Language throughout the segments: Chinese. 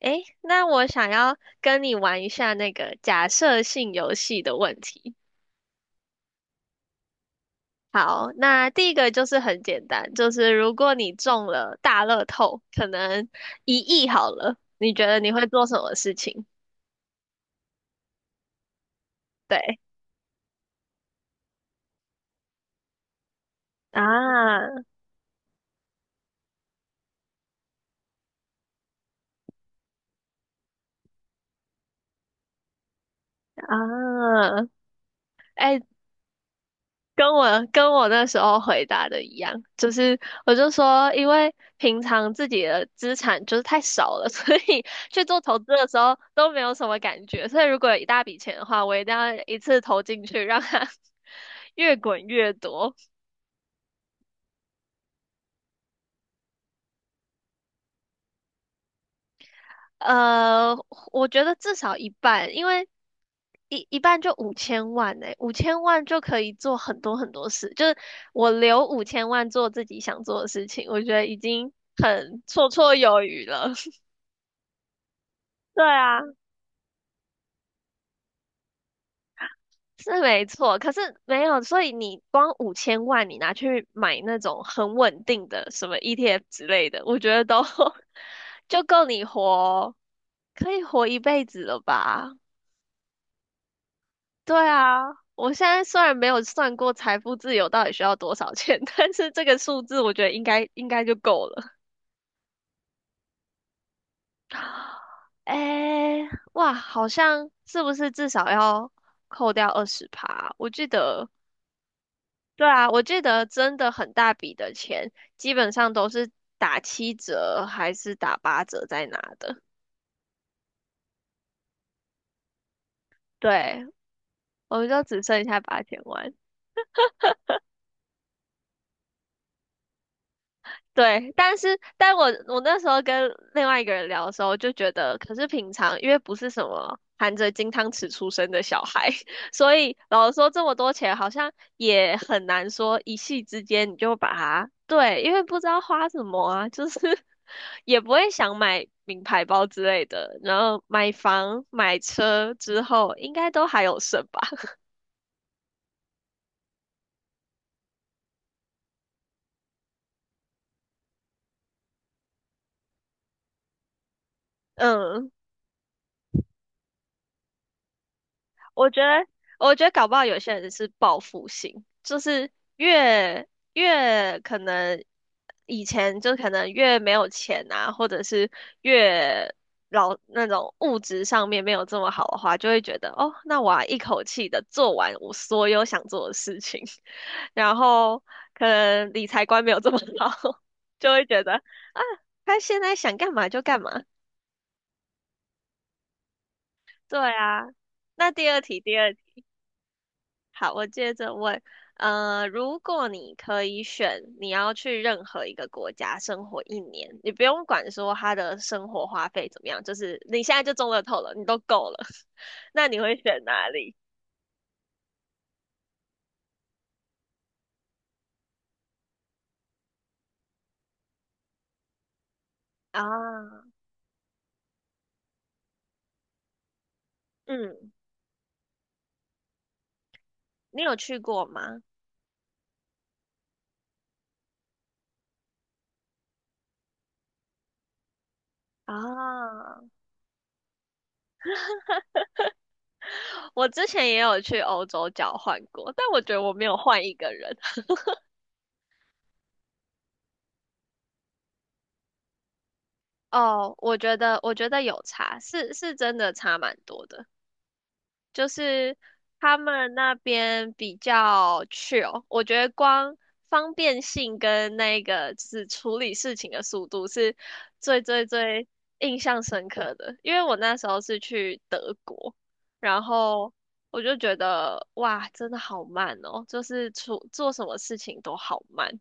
诶，那我想要跟你玩一下那个假设性游戏的问题。好，那第一个就是很简单，就是如果你中了大乐透，可能1亿好了，你觉得你会做什么事情？对啊啊，哎，跟我那时候回答的一样，就是我就说，因为平常自己的资产就是太少了，所以去做投资的时候都没有什么感觉。所以如果有一大笔钱的话，我一定要一次投进去，让它 越滚越多。呃，我觉得至少一半，因为一半就五千万呢、五千万就可以做很多很多事。就是我留五千万做自己想做的事情，我觉得已经很绰绰有余了。对啊，是没错，可是没有，所以你光五千万，你拿去买那种很稳定的什么 ETF 之类的，我觉得都 就够你活，可以活一辈子了吧？对啊，我现在虽然没有算过财富自由到底需要多少钱，但是这个数字我觉得应该就够了。诶，哇，好像是不是至少要扣掉20%？我记得对啊，我记得真的很大笔的钱，基本上都是打七折还是打八折在拿的。对，我们就只剩下8000万。对，但是我那时候跟另外一个人聊的时候，就觉得，可是平常因为不是什么含着金汤匙出生的小孩，所以老实说这么多钱好像也很难说一夕之间你就把它，对，因为不知道花什么啊，就是 也不会想买名牌包之类的，然后买房买车之后应该都还有剩吧，嗯。我觉得，我觉得,搞不好有些人是报复性，就是越越可能以前就可能越没有钱啊，或者是越老那种物质上面没有这么好的话，就会觉得哦，那我要一口气的做完我所有想做的事情，然后可能理财观没有这么好，就会觉得他现在想干嘛就干嘛。对啊，那第二题，第二题。好，我接着问，如果你可以选，你要去任何一个国家生活一年，你不用管说他的生活花费怎么样，就是你现在就中乐透了，你都够了，那你会选哪里啊？嗯，你有去过吗？啊，我之前也有去欧洲交换过，但我觉得我没有换一个人。哦，我觉得,有差，是真的差蛮多的。就是他们那边比较 chill,我觉得光方便性跟那个就是处理事情的速度是最印象深刻的。因为我那时候是去德国，然后我就觉得哇，真的好慢哦，就是处做什么事情都好慢。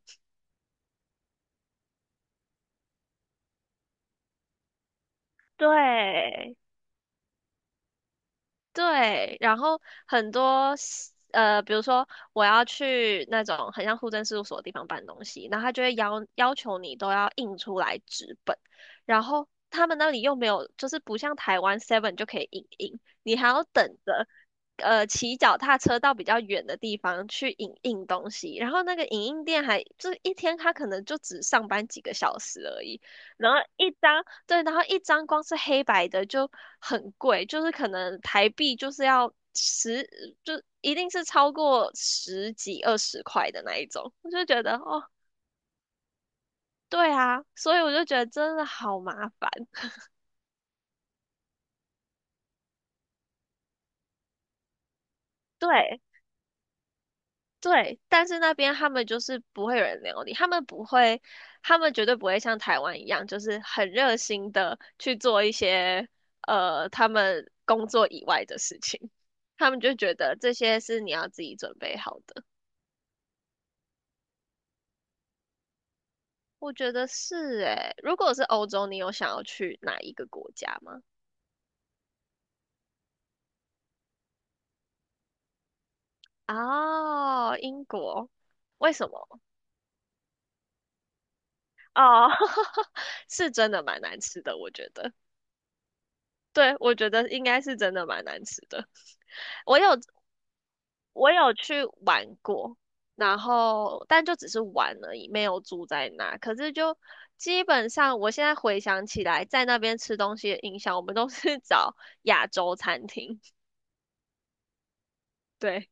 对，对，然后很多 比如说我要去那种很像户政事务所的地方办东西，然后他就会要求你都要印出来纸本，然后他们那里又没有，就是不像台湾 Seven 就可以印印，你还要等着骑脚踏车到比较远的地方去影印东西，然后那个影印店还就是一天他可能就只上班几个小时而已，然后一张。对，然后一张光是黑白的就很贵，就是可能台币就是要十，就一定是超过十几二十块的那一种。我就觉得哦，对啊，所以我就觉得真的好麻烦。对对，但是那边他们就是不会有人聊你，他们不会，他们绝对不会像台湾一样，就是很热心的去做一些他们工作以外的事情。他们就觉得这些是你要自己准备好的。我觉得是诶，如果是欧洲，你有想要去哪一个国家吗？哦，英国，为什么？哦，是真的蛮难吃的，我觉得。对，我觉得应该是真的蛮难吃的。我有我有去玩过，然后但就只是玩而已，没有住在那。可是就基本上，我现在回想起来，在那边吃东西的印象，我们都是 找亚洲餐厅。对。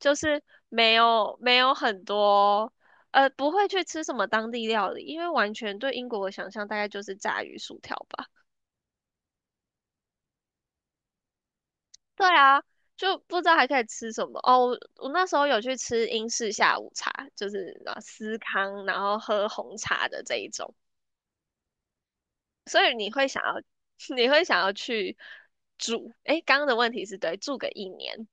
就是没有很多，不会去吃什么当地料理，因为完全对英国的想象大概就是炸鱼薯条吧。对啊，就不知道还可以吃什么哦。我那时候有去吃英式下午茶，就是啊司康，然后喝红茶的这一种，所以你会想要 你会想要去住，诶，刚刚的问题是对，住个一年。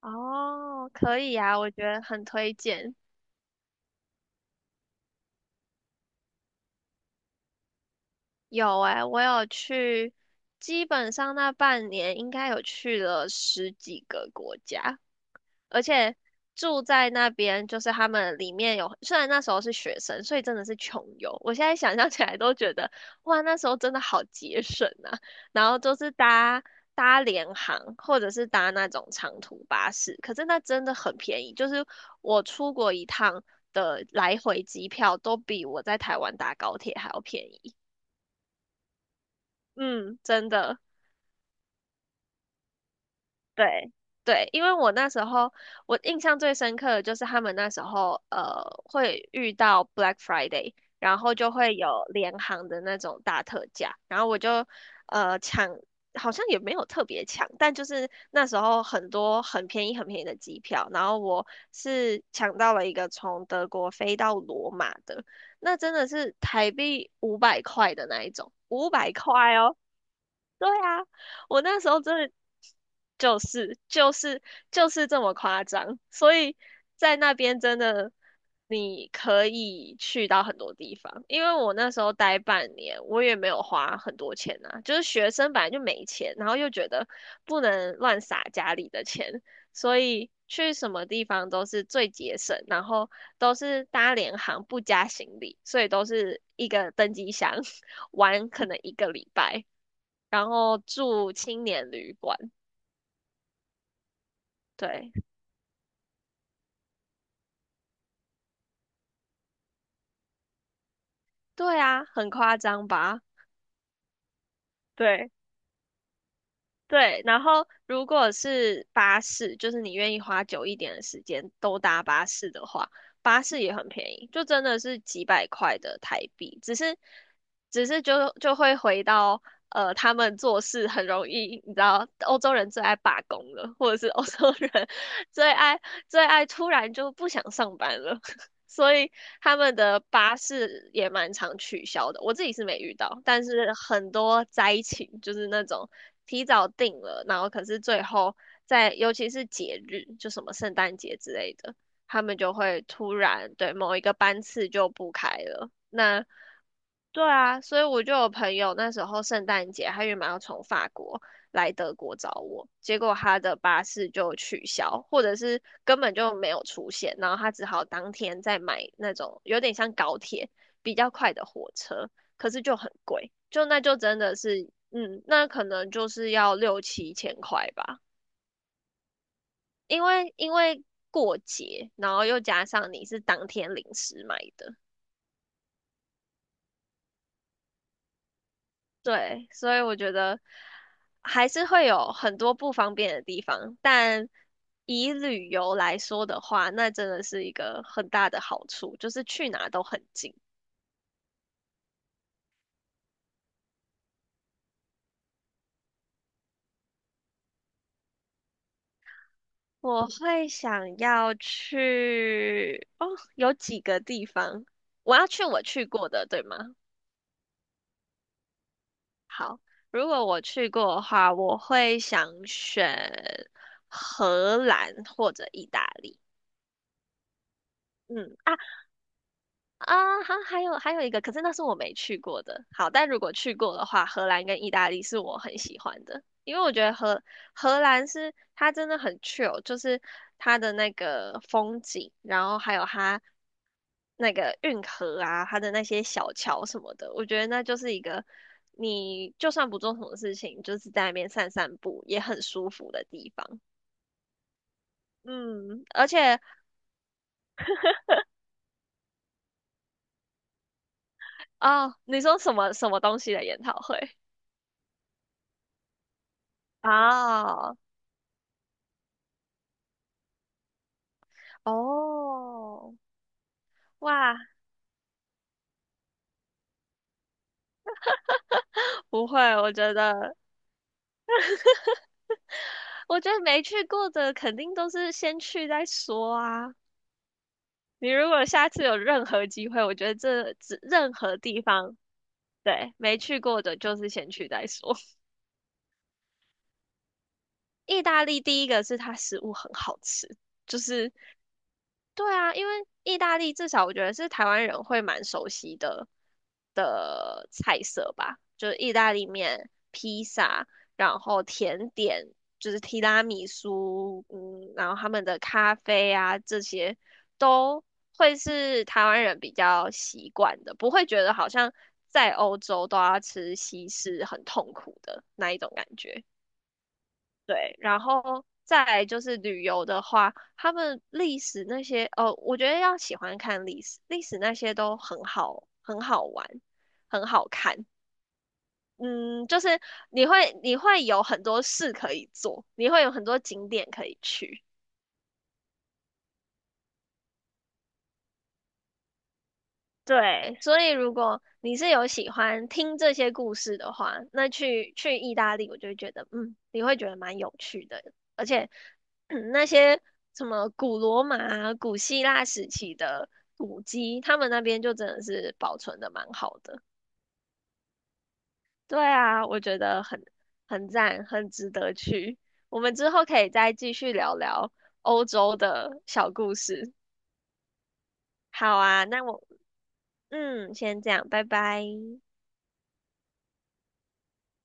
哦，可以啊，我觉得很推荐。有诶，我有去，基本上那半年应该有去了十几个国家，而且住在那边，就是他们里面有，虽然那时候是学生，所以真的是穷游。我现在想象起来都觉得，哇，那时候真的好节省啊。然后都是搭联航，或者是搭那种长途巴士，可是那真的很便宜，就是我出国一趟的来回机票都比我在台湾搭高铁还要便宜。嗯，真的，对对，因为我那时候我印象最深刻的就是他们那时候会遇到 Black Friday,然后就会有联行的那种大特价，然后我就抢，好像也没有特别抢，但就是那时候很多很便宜很便宜的机票，然后我是抢到了一个从德国飞到罗马的，那真的是台币五百块的那一种，五百块哦。对啊，我那时候真的就是就是就是这么夸张，所以在那边真的你可以去到很多地方。因为我那时候待半年，我也没有花很多钱啊，就是学生本来就没钱，然后又觉得不能乱撒家里的钱，所以去什么地方都是最节省，然后都是搭联航不加行李，所以都是一个登机箱 玩可能一个礼拜。然后住青年旅馆。对，对啊，很夸张吧？对对，然后如果是巴士，就是你愿意花久一点的时间都搭巴士的话，巴士也很便宜，就真的是几百块的台币，只是就会回到他们做事很容易，你知道，欧洲人最爱罢工了，或者是欧洲人 最爱最爱突然就不想上班了，所以他们的巴士也蛮常取消的，我自己是没遇到，但是很多灾情就是那种提早定了，然后可是最后在尤其是节日，就什么圣诞节之类的，他们就会突然对某一个班次就不开了。那对啊，所以我就有朋友那时候圣诞节，他原本要从法国来德国找我，结果他的巴士就取消，或者是根本就没有出现，然后他只好当天再买那种有点像高铁比较快的火车，可是就很贵，就那就真的是，嗯，那可能就是要六七千块吧，因为过节，然后又加上你是当天临时买的。对，所以我觉得还是会有很多不方便的地方，但以旅游来说的话，那真的是一个很大的好处，就是去哪都很近。我会想要去，哦，有几个地方，我要去我去过的，对吗？好，如果我去过的话，我会想选荷兰或者意大利。嗯，啊，啊，还有一个，可是那是我没去过的。好，但如果去过的话，荷兰跟意大利是我很喜欢的，因为我觉得荷兰是它真的很 chill,就是它的那个风景，然后还有它那个运河啊，它的那些小桥什么的，我觉得那就是一个你就算不做什么事情，就是在那边散散步也很舒服的地方。嗯，而且哦，你说什么什么东西的研讨会？哦哦，哇，不会，我觉得,没去过的肯定都是先去再说啊。你如果下次有任何机会，我觉得这只任何地方，对，没去过的就是先去再说。意大利第一个是它食物很好吃，就是对啊，因为意大利至少我觉得是台湾人会蛮熟悉的菜色吧，就是意大利面、披萨，然后甜点就是提拉米苏，嗯，然后他们的咖啡啊这些都会是台湾人比较习惯的，不会觉得好像在欧洲都要吃西式很痛苦的那一种感觉。对，然后再来就是旅游的话，他们历史那些，哦，我觉得要喜欢看历史，历史那些都很好，很好玩，很好看。嗯，就是你会有很多事可以做，你会有很多景点可以去。对，所以如果你是有喜欢听这些故事的话，那去意大利，我就会觉得，嗯，你会觉得蛮有趣的，而且，嗯那些什么古罗马啊古希腊时期的古迹，他们那边就真的是保存的蛮好的。对啊，我觉得很赞，很值得去。我们之后可以再继续聊聊欧洲的小故事。好啊，那我，嗯，先这样，拜拜。